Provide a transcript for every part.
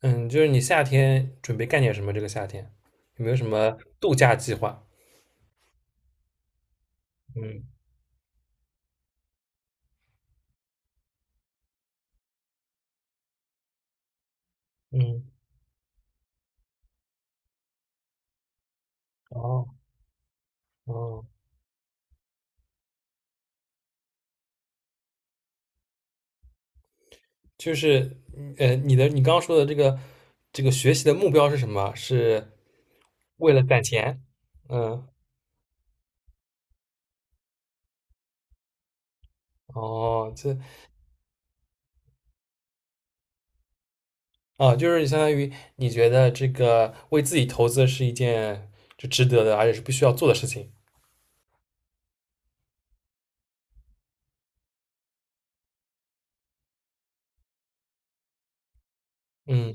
嗯，就是你夏天准备干点什么？这个夏天有没有什么度假计划？嗯嗯，哦哦，就是你刚刚说的这个学习的目标是什么？是为了攒钱？嗯，哦，这啊，就是相当于你觉得这个为自己投资是一件就值得的，而且是必须要做的事情。嗯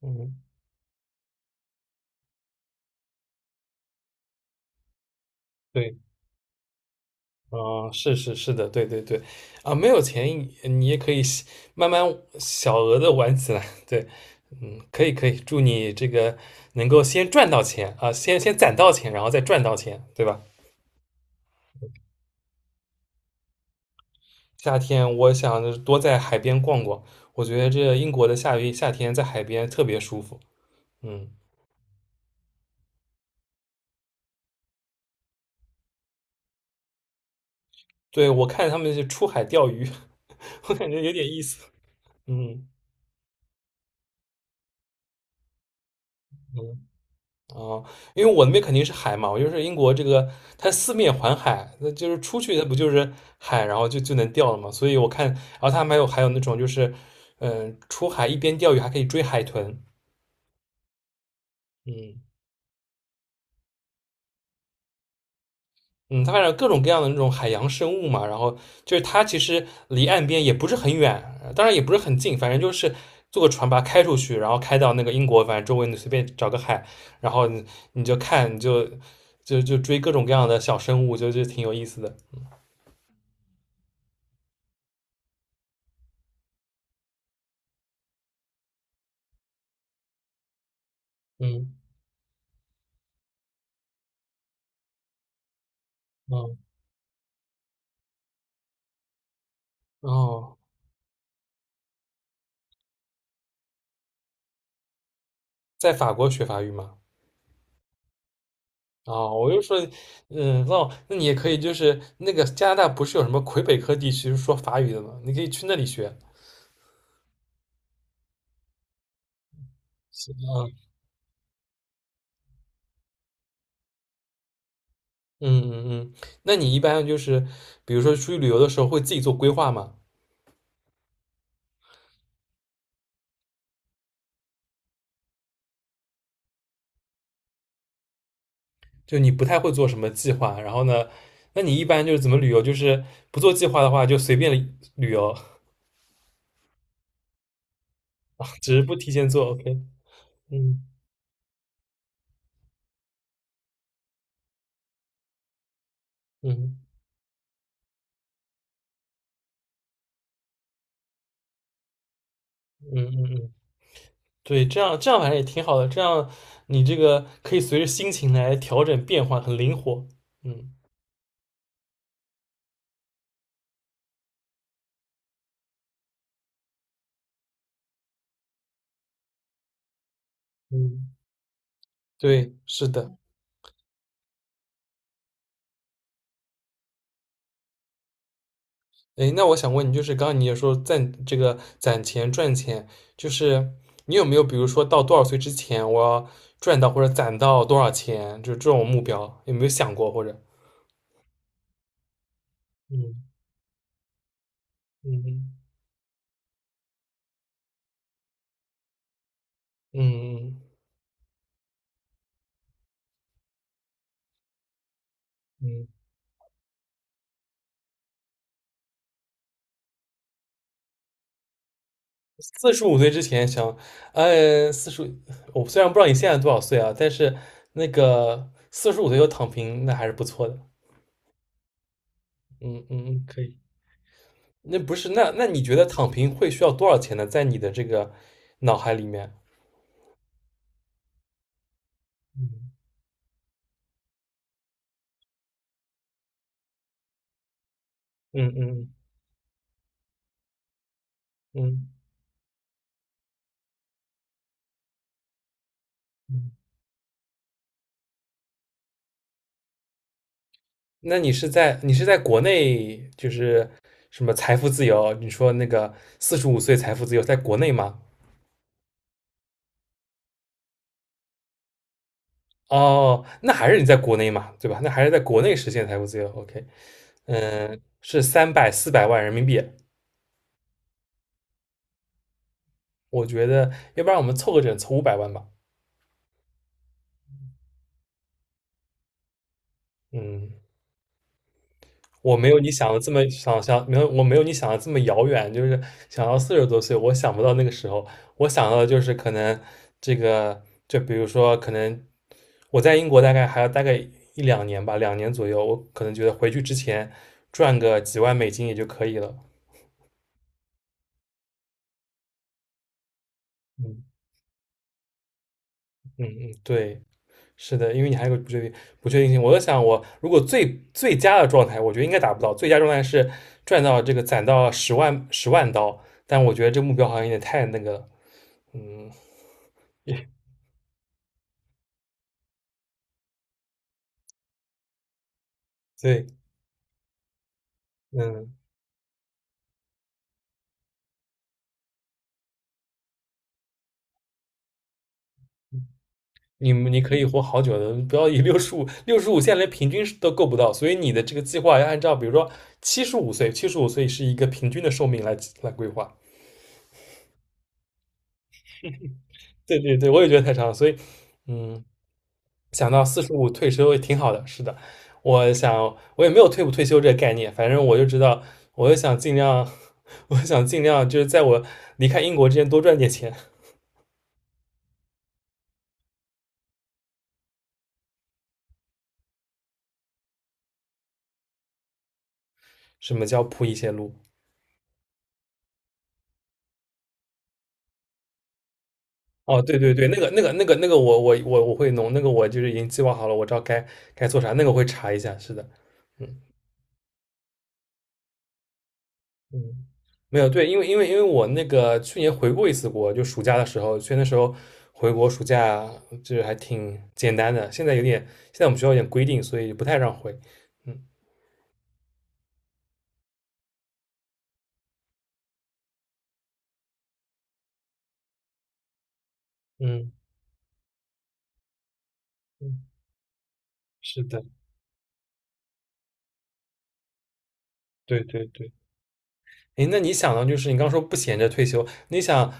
嗯，对。哦，是是是的，对对对，啊，没有钱你也可以小慢慢小额的玩起来，对，嗯，可以可以，祝你这个能够先赚到钱啊，先攒到钱，然后再赚到钱，对吧？夏天我想就是多在海边逛逛，我觉得这英国的夏天在海边特别舒服，嗯，对，我看他们是出海钓鱼，我感觉有点意思，嗯嗯哦，因为我那边肯定是海嘛，我就是英国这个，它四面环海，那就是出去它不就是海，然后就能钓了嘛。所以我看，然后它还有那种就是，嗯、出海一边钓鱼还可以追海豚，嗯嗯，它反正各种各样的那种海洋生物嘛。然后就是它其实离岸边也不是很远，当然也不是很近，反正就是坐个船把它开出去，然后开到那个英国，反正周围你随便找个海，然后你就看，你就追各种各样的小生物，就挺有意思的，嗯嗯，哦，在法国学法语嘛？啊，我就说，嗯，哦，那你也可以，就是那个加拿大不是有什么魁北克地区是说法语的吗？你可以去那里学。是啊，嗯嗯嗯，那你一般就是，比如说出去旅游的时候会自己做规划吗？就你不太会做什么计划，然后呢，那你一般就是怎么旅游？就是不做计划的话，就随便旅游，只是不提前做。OK，嗯嗯嗯嗯嗯。嗯对，这样反正也挺好的，这样你这个可以随着心情来调整变换，很灵活。嗯嗯，对，是的。哎，那我想问你，就是刚刚你也说攒这个攒钱赚钱，就是你有没有比如说到多少岁之前，我要赚到或者攒到多少钱，就是这种目标，有没有想过或者？嗯嗯嗯嗯嗯。四十五岁之前想，呃，四十，我虽然不知道你现在多少岁啊，但是那个四十五岁就躺平，那还是不错的。嗯嗯，可以。那不是，那那你觉得躺平会需要多少钱呢？在你的这个脑海里面？嗯嗯嗯嗯。嗯那你是在国内就是什么财富自由？你说那个四十五岁财富自由，在国内吗？哦，那还是你在国内嘛，对吧？那还是在国内实现财富自由。OK，嗯，是300到400万人民币，我觉得，要不然我们凑个整，凑500万吧。嗯，我没有你想的这么没有你想的这么遥远，就是想到40多岁，我想不到那个时候，我想到的就是可能这个，就比如说可能我在英国大概还要大概一两年吧，两年左右，我可能觉得回去之前赚个几万美金也就可以了。嗯嗯嗯，对。是的，因为你还有个不确定性。我在想，我如果最佳的状态，我觉得应该达不到。最佳状态是赚到这个攒到10万刀，但我觉得这目标好像有点太那个了。嗯，也对，嗯，你可以活好久的，不要以六十五现在连平均都够不到，所以你的这个计划要按照比如说七十五岁是一个平均的寿命来来规划。对对对，我也觉得太长了，所以嗯，想到四十五退休也挺好的，是的，我想我也没有退不退休这个概念，反正我就知道，我就想尽量，我想尽量就是在我离开英国之前多赚点钱。什么叫铺一些路？哦，对对对，那个我会弄，那个我就是已经计划好了，我知道该该做啥，那个会查一下，是的，嗯。嗯，没有，对，因为我那个去年回过一次国，就暑假的时候，去那时候回国暑假就是还挺简单的，现在有点，现在我们学校有点规定，所以不太让回。嗯嗯嗯，是的，对对对。诶，那你想呢？就是你刚说不闲着退休，你想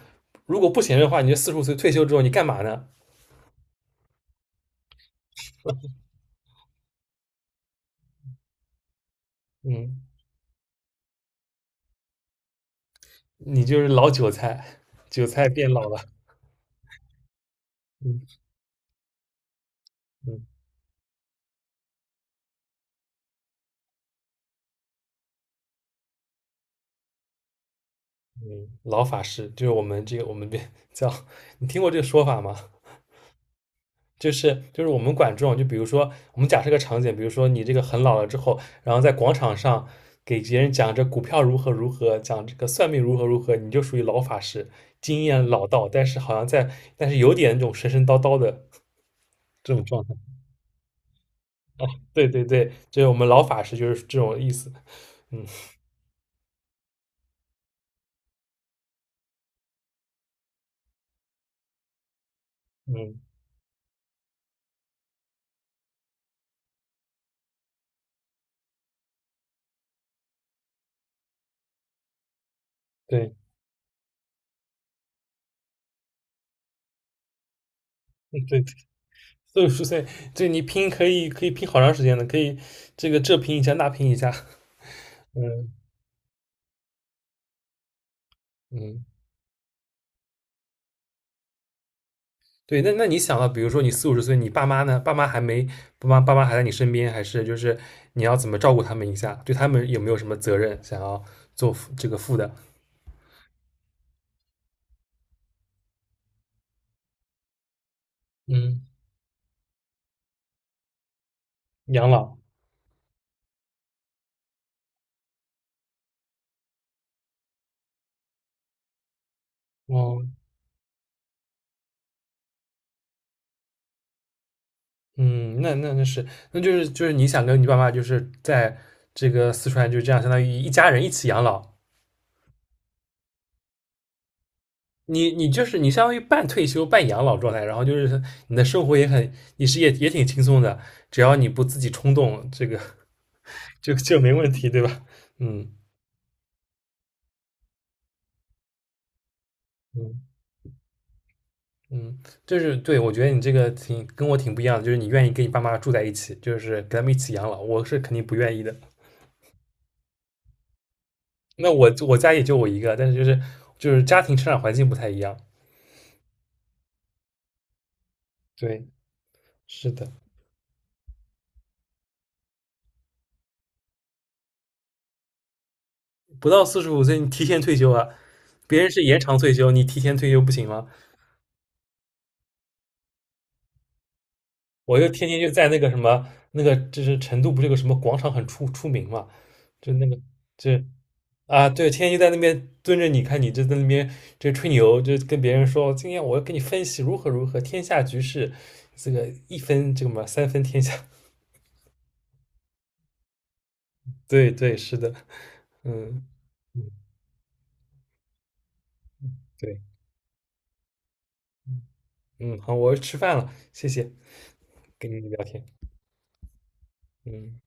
如果不闲着的话，你就四十五岁退休之后你干嘛呢？嗯，你就是老韭菜，韭菜变老了。嗯嗯嗯，老法师就是我们这叫，你听过这个说法吗？就是我们管这种，就比如说我们假设个场景，比如说你这个很老了之后，然后在广场上给别人讲这股票如何如何，讲这个算命如何如何，你就属于老法师，经验老道，但是好像在但是有点那种神神叨叨的这种状态。对对对，就是我们老法师就是这种意思。嗯嗯，对嗯对，60岁，这你拼可以可以拼好长时间的，可以这个这拼一下那拼一下。嗯嗯。对，那那你想到，比如说你45岁，你爸妈呢？爸妈还没，爸妈还在你身边，还是就是你要怎么照顾他们一下？对他们有没有什么责任想要做负这个负的？嗯，养老，哦，嗯，那那是，那就是就是你想跟你爸妈就是在这个四川就这样，相当于一家人一起养老。你你就是你相当于半退休半养老状态，然后就是你的生活也很，你是也挺轻松的，只要你不自己冲动，这个 就没问题，对吧？嗯嗯。嗯，就是对，我觉得你这个挺跟我挺不一样的，就是你愿意跟你爸妈住在一起，就是跟他们一起养老，我是肯定不愿意的。那我家也就我一个，但是就是家庭成长环境不太一样。对，是的，不到四十五岁你提前退休啊，别人是延长退休，你提前退休不行吗？我就天天就在那个什么那个，就是成都不是有个什么广场很出名嘛，就那个。就啊，对，天天就在那边蹲着你，看你就在那边就吹牛，就跟别人说，今天我要跟你分析如何如何，天下局势，这个一分这个嘛，三分天下。对对，是的，嗯，对，嗯，好，我要吃饭了，谢谢，跟你聊天，嗯。